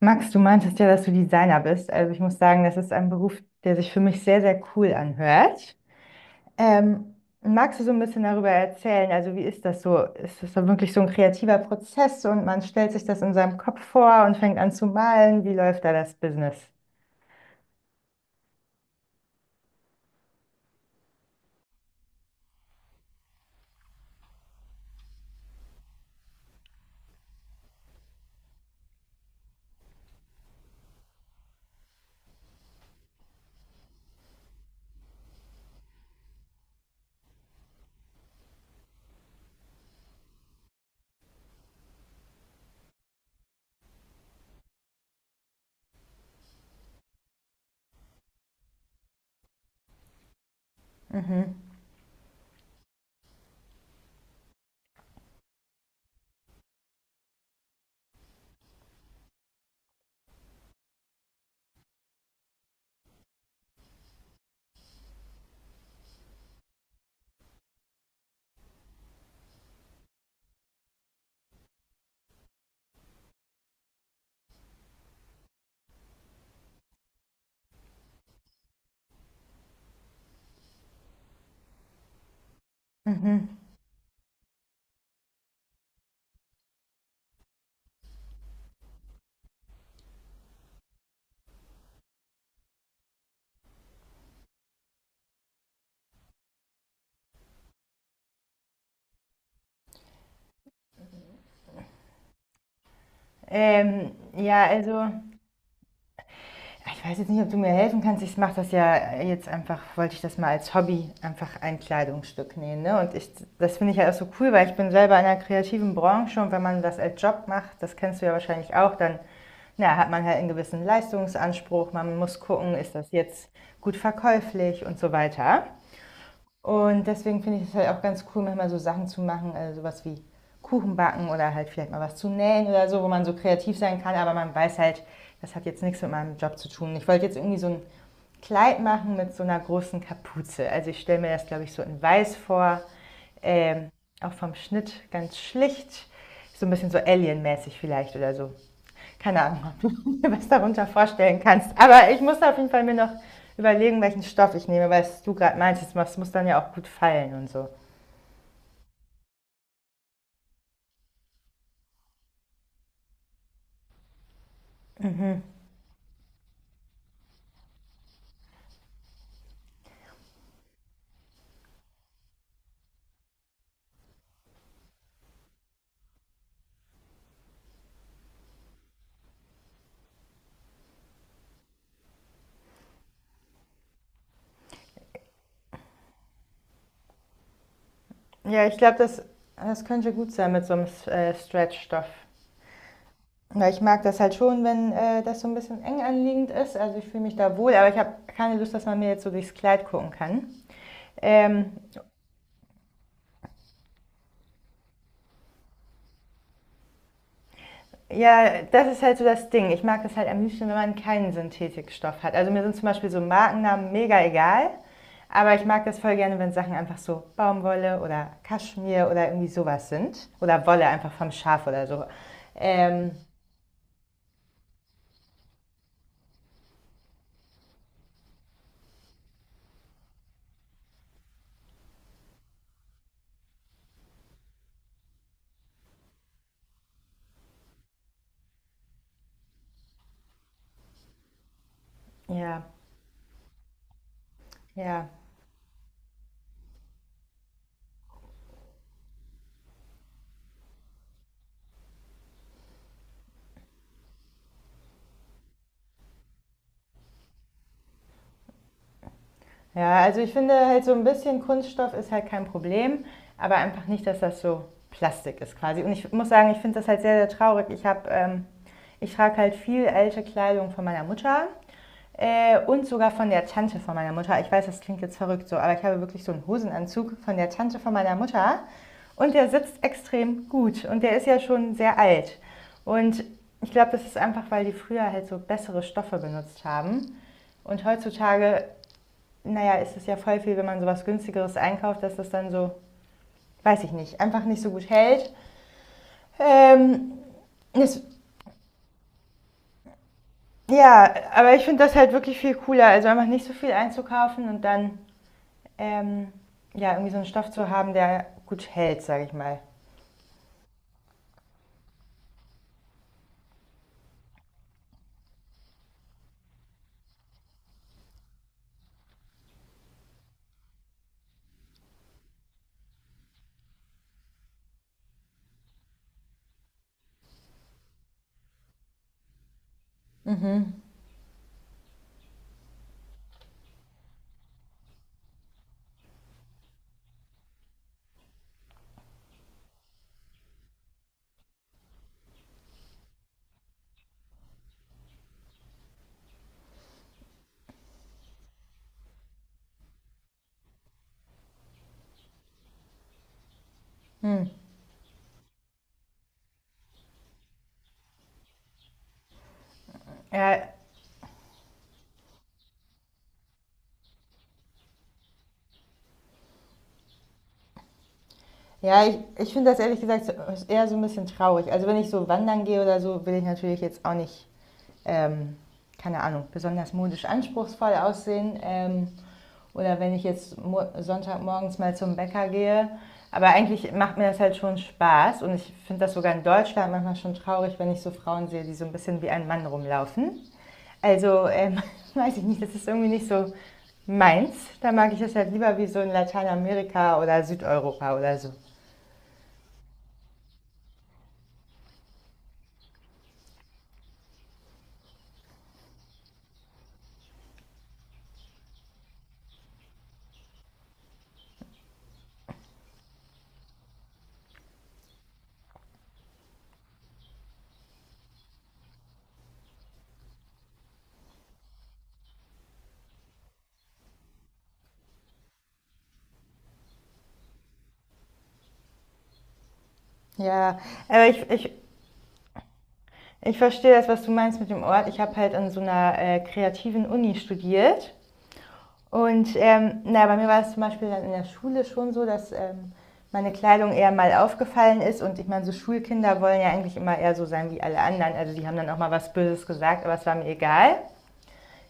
Max, du meintest ja, dass du Designer bist. Also ich muss sagen, das ist ein Beruf, der sich für mich sehr, sehr cool anhört. Ähm, Magst du so ein bisschen darüber erzählen? Also wie ist das so? Ist das so wirklich so ein kreativer Prozess und man stellt sich das in seinem Kopf vor und fängt an zu malen? Wie läuft da das Business? Mhm, mhm. Ja, also. Ja, ich weiß jetzt nicht, ob du mir helfen kannst. Ich mache das ja jetzt einfach, wollte ich das mal als Hobby einfach ein Kleidungsstück nähen. Ne? Und ich, das finde ich ja halt auch so cool, weil ich bin selber in einer kreativen Branche und wenn man das als Job macht, das kennst du ja wahrscheinlich auch, dann na, hat man halt einen gewissen Leistungsanspruch. Man muss gucken, ist das jetzt gut verkäuflich und so weiter. Und deswegen finde ich es halt auch ganz cool, manchmal so Sachen zu machen, sowas wie Kuchen backen oder halt vielleicht mal was zu nähen oder so, wo man so kreativ sein kann, aber man weiß halt, das hat jetzt nichts mit meinem Job zu tun. Ich wollte jetzt irgendwie so ein Kleid machen mit so einer großen Kapuze. Also ich stelle mir das, glaube ich, so in weiß vor, ähm, auch vom Schnitt ganz schlicht, so ein bisschen so Alien-mäßig vielleicht oder so keine Ahnung, ob du mir was darunter vorstellen kannst. Aber ich muss auf jeden Fall mir noch überlegen, welchen Stoff ich nehme, weil du gerade meintest, es muss dann ja auch gut fallen und so. Ja, ich glaube, das könnte gut sein mit so einem Stretch-Stoff. Weil ich mag das halt schon, wenn das so ein bisschen eng anliegend ist. Also ich fühle mich da wohl, aber ich habe keine Lust, dass man mir jetzt so durchs Kleid gucken kann. Ähm, Ja, das ist halt so das Ding. Ich mag es halt am liebsten, wenn man keinen Synthetikstoff hat. Also mir sind zum Beispiel so Markennamen mega egal, aber ich mag das voll gerne, wenn Sachen einfach so Baumwolle oder Kaschmir oder irgendwie sowas sind. Oder Wolle einfach vom Schaf oder so. Ähm, ja, ja. Ja, also ich finde halt so ein bisschen Kunststoff ist halt kein Problem, aber einfach nicht, dass das so Plastik ist quasi. Und ich muss sagen, ich finde das halt sehr, sehr traurig. Ich trage halt viel alte Kleidung von meiner Mutter. Und sogar von der Tante von meiner Mutter. Ich weiß, das klingt jetzt verrückt so, aber ich habe wirklich so einen Hosenanzug von der Tante von meiner Mutter. Und der sitzt extrem gut. Und der ist ja schon sehr alt. Und ich glaube, das ist einfach, weil die früher halt so bessere Stoffe benutzt haben. Und heutzutage, naja, ist es ja voll viel, wenn man sowas günstigeres einkauft, dass das dann so, weiß ich nicht, einfach nicht so gut hält. Ähm, das, ja, aber ich finde das halt wirklich viel cooler. Also einfach nicht so viel einzukaufen und dann ähm, ja, irgendwie so einen Stoff zu haben, der gut hält, sage ich mal. Ja, ich finde das ehrlich gesagt so eher so ein bisschen traurig. Also wenn ich so wandern gehe oder so, will ich natürlich jetzt auch nicht ähm, keine Ahnung, besonders modisch anspruchsvoll aussehen. Oder wenn ich jetzt Sonntagmorgens mal zum Bäcker gehe. Aber eigentlich macht mir das halt schon Spaß und ich finde das sogar in Deutschland manchmal schon traurig, wenn ich so Frauen sehe, die so ein bisschen wie ein Mann rumlaufen. Also weiß ich nicht, das ist irgendwie nicht so meins. Da mag ich das halt lieber wie so in Lateinamerika oder Südeuropa oder so. Ja, aber ich verstehe das, was du meinst mit dem Ort. Ich habe halt an so einer kreativen Uni studiert. Und na, bei mir war es zum Beispiel dann in der Schule schon so, dass meine Kleidung eher mal aufgefallen ist. Und ich meine, so Schulkinder wollen ja eigentlich immer eher so sein wie alle anderen. Also die haben dann auch mal was Böses gesagt, aber es war mir egal.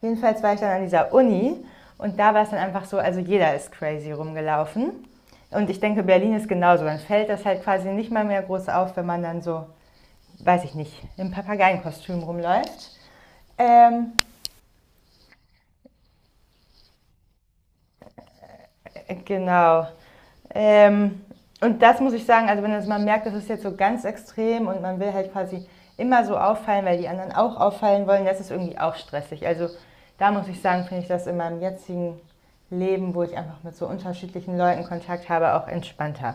Jedenfalls war ich dann an dieser Uni und da war es dann einfach so, also jeder ist crazy rumgelaufen. Und ich denke, Berlin ist genauso. Dann fällt das halt quasi nicht mal mehr groß auf, wenn man dann so, weiß ich nicht, im Papageienkostüm rumläuft. Ähm, genau. Ähm, und das muss ich sagen, also wenn das man merkt, das ist jetzt so ganz extrem und man will halt quasi immer so auffallen, weil die anderen auch auffallen wollen, das ist irgendwie auch stressig. Also da muss ich sagen, finde ich das in meinem jetzigen Leben, wo ich einfach mit so unterschiedlichen Leuten Kontakt habe, auch entspannter.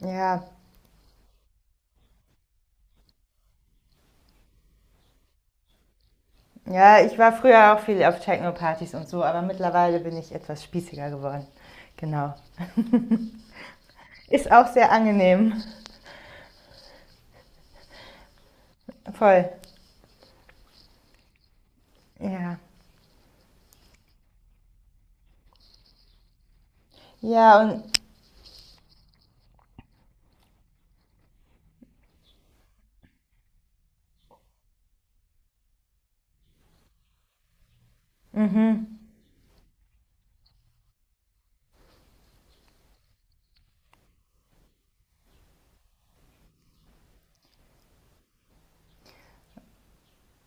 Ja, ja, ich war früher auch viel auf Techno-Partys und so, aber mittlerweile bin ich etwas spießiger geworden. Genau. Ist auch sehr angenehm. Voll. Ja. Ja, und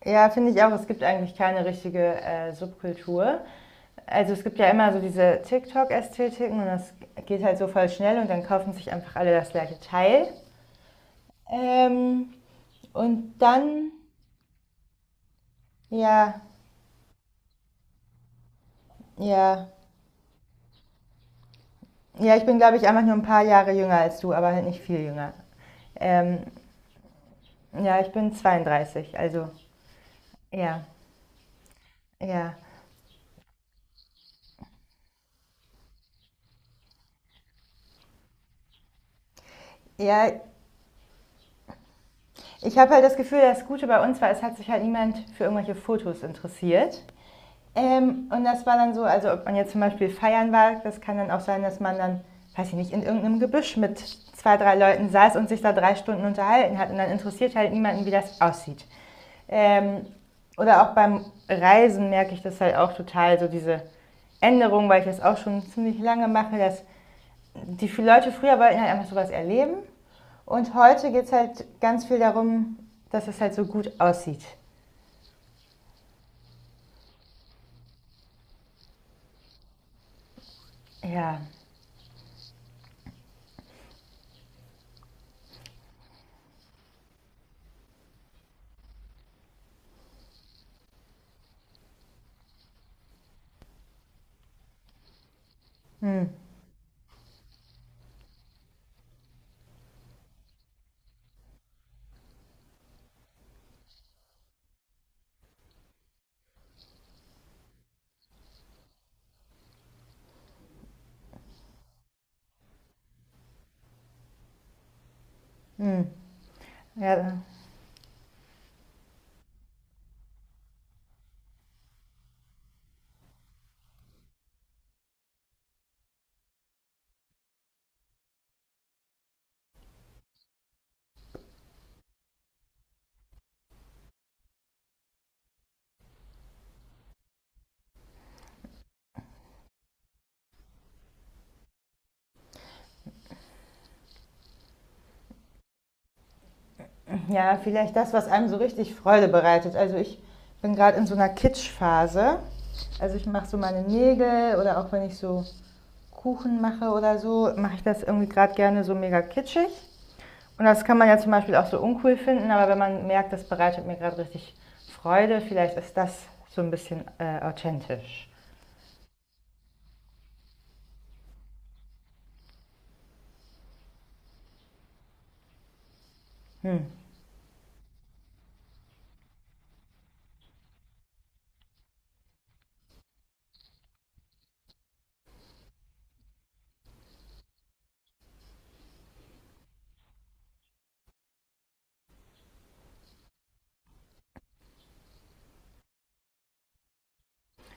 ja, finde ich auch. Es gibt eigentlich keine richtige Subkultur. Also es gibt ja immer so diese TikTok-Ästhetiken und das geht halt so voll schnell und dann kaufen sich einfach alle das gleiche Teil. Ähm, und dann, ja, ja. Ja, ich bin, glaube ich, einfach nur ein paar Jahre jünger als du, aber halt nicht viel jünger. Ähm, ja, ich bin 32, also ja, ja. Ja, ich habe halt das Gefühl, das Gute bei uns war, es hat sich halt niemand für irgendwelche Fotos interessiert. Und das war dann so, also ob man jetzt zum Beispiel feiern war, das kann dann auch sein, dass man dann, weiß ich nicht, in irgendeinem Gebüsch mit zwei, drei Leuten saß und sich da drei Stunden unterhalten hat. Und dann interessiert halt niemanden, wie das aussieht. Ähm, oder auch beim Reisen merke ich das halt auch total, so diese Änderung, weil ich das auch schon ziemlich lange mache, dass die viele Leute früher wollten halt einfach sowas erleben. Und heute geht es halt ganz viel darum, dass es halt so gut aussieht. Ja. Hm. Ja. Ja, vielleicht das, was einem so richtig Freude bereitet. Also ich bin gerade in so einer Kitschphase. Also ich mache so meine Nägel oder auch wenn ich so Kuchen mache oder so, mache ich das irgendwie gerade gerne so mega kitschig. Und das kann man ja zum Beispiel auch so uncool finden, aber wenn man merkt, das bereitet mir gerade richtig Freude, vielleicht ist das so ein bisschen authentisch. Hm.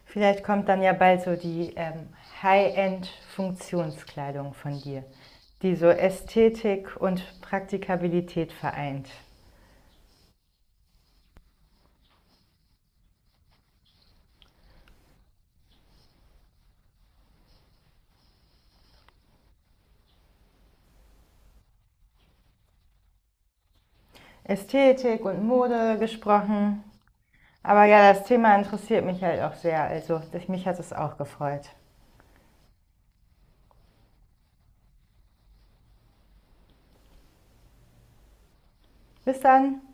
Vielleicht kommt dann ja bald so die High-End-Funktionskleidung von dir, die so Ästhetik und Praktikabilität vereint. Ästhetik und Mode gesprochen. Aber ja, das Thema interessiert mich halt auch sehr. Also mich hat es auch gefreut. Bis dann.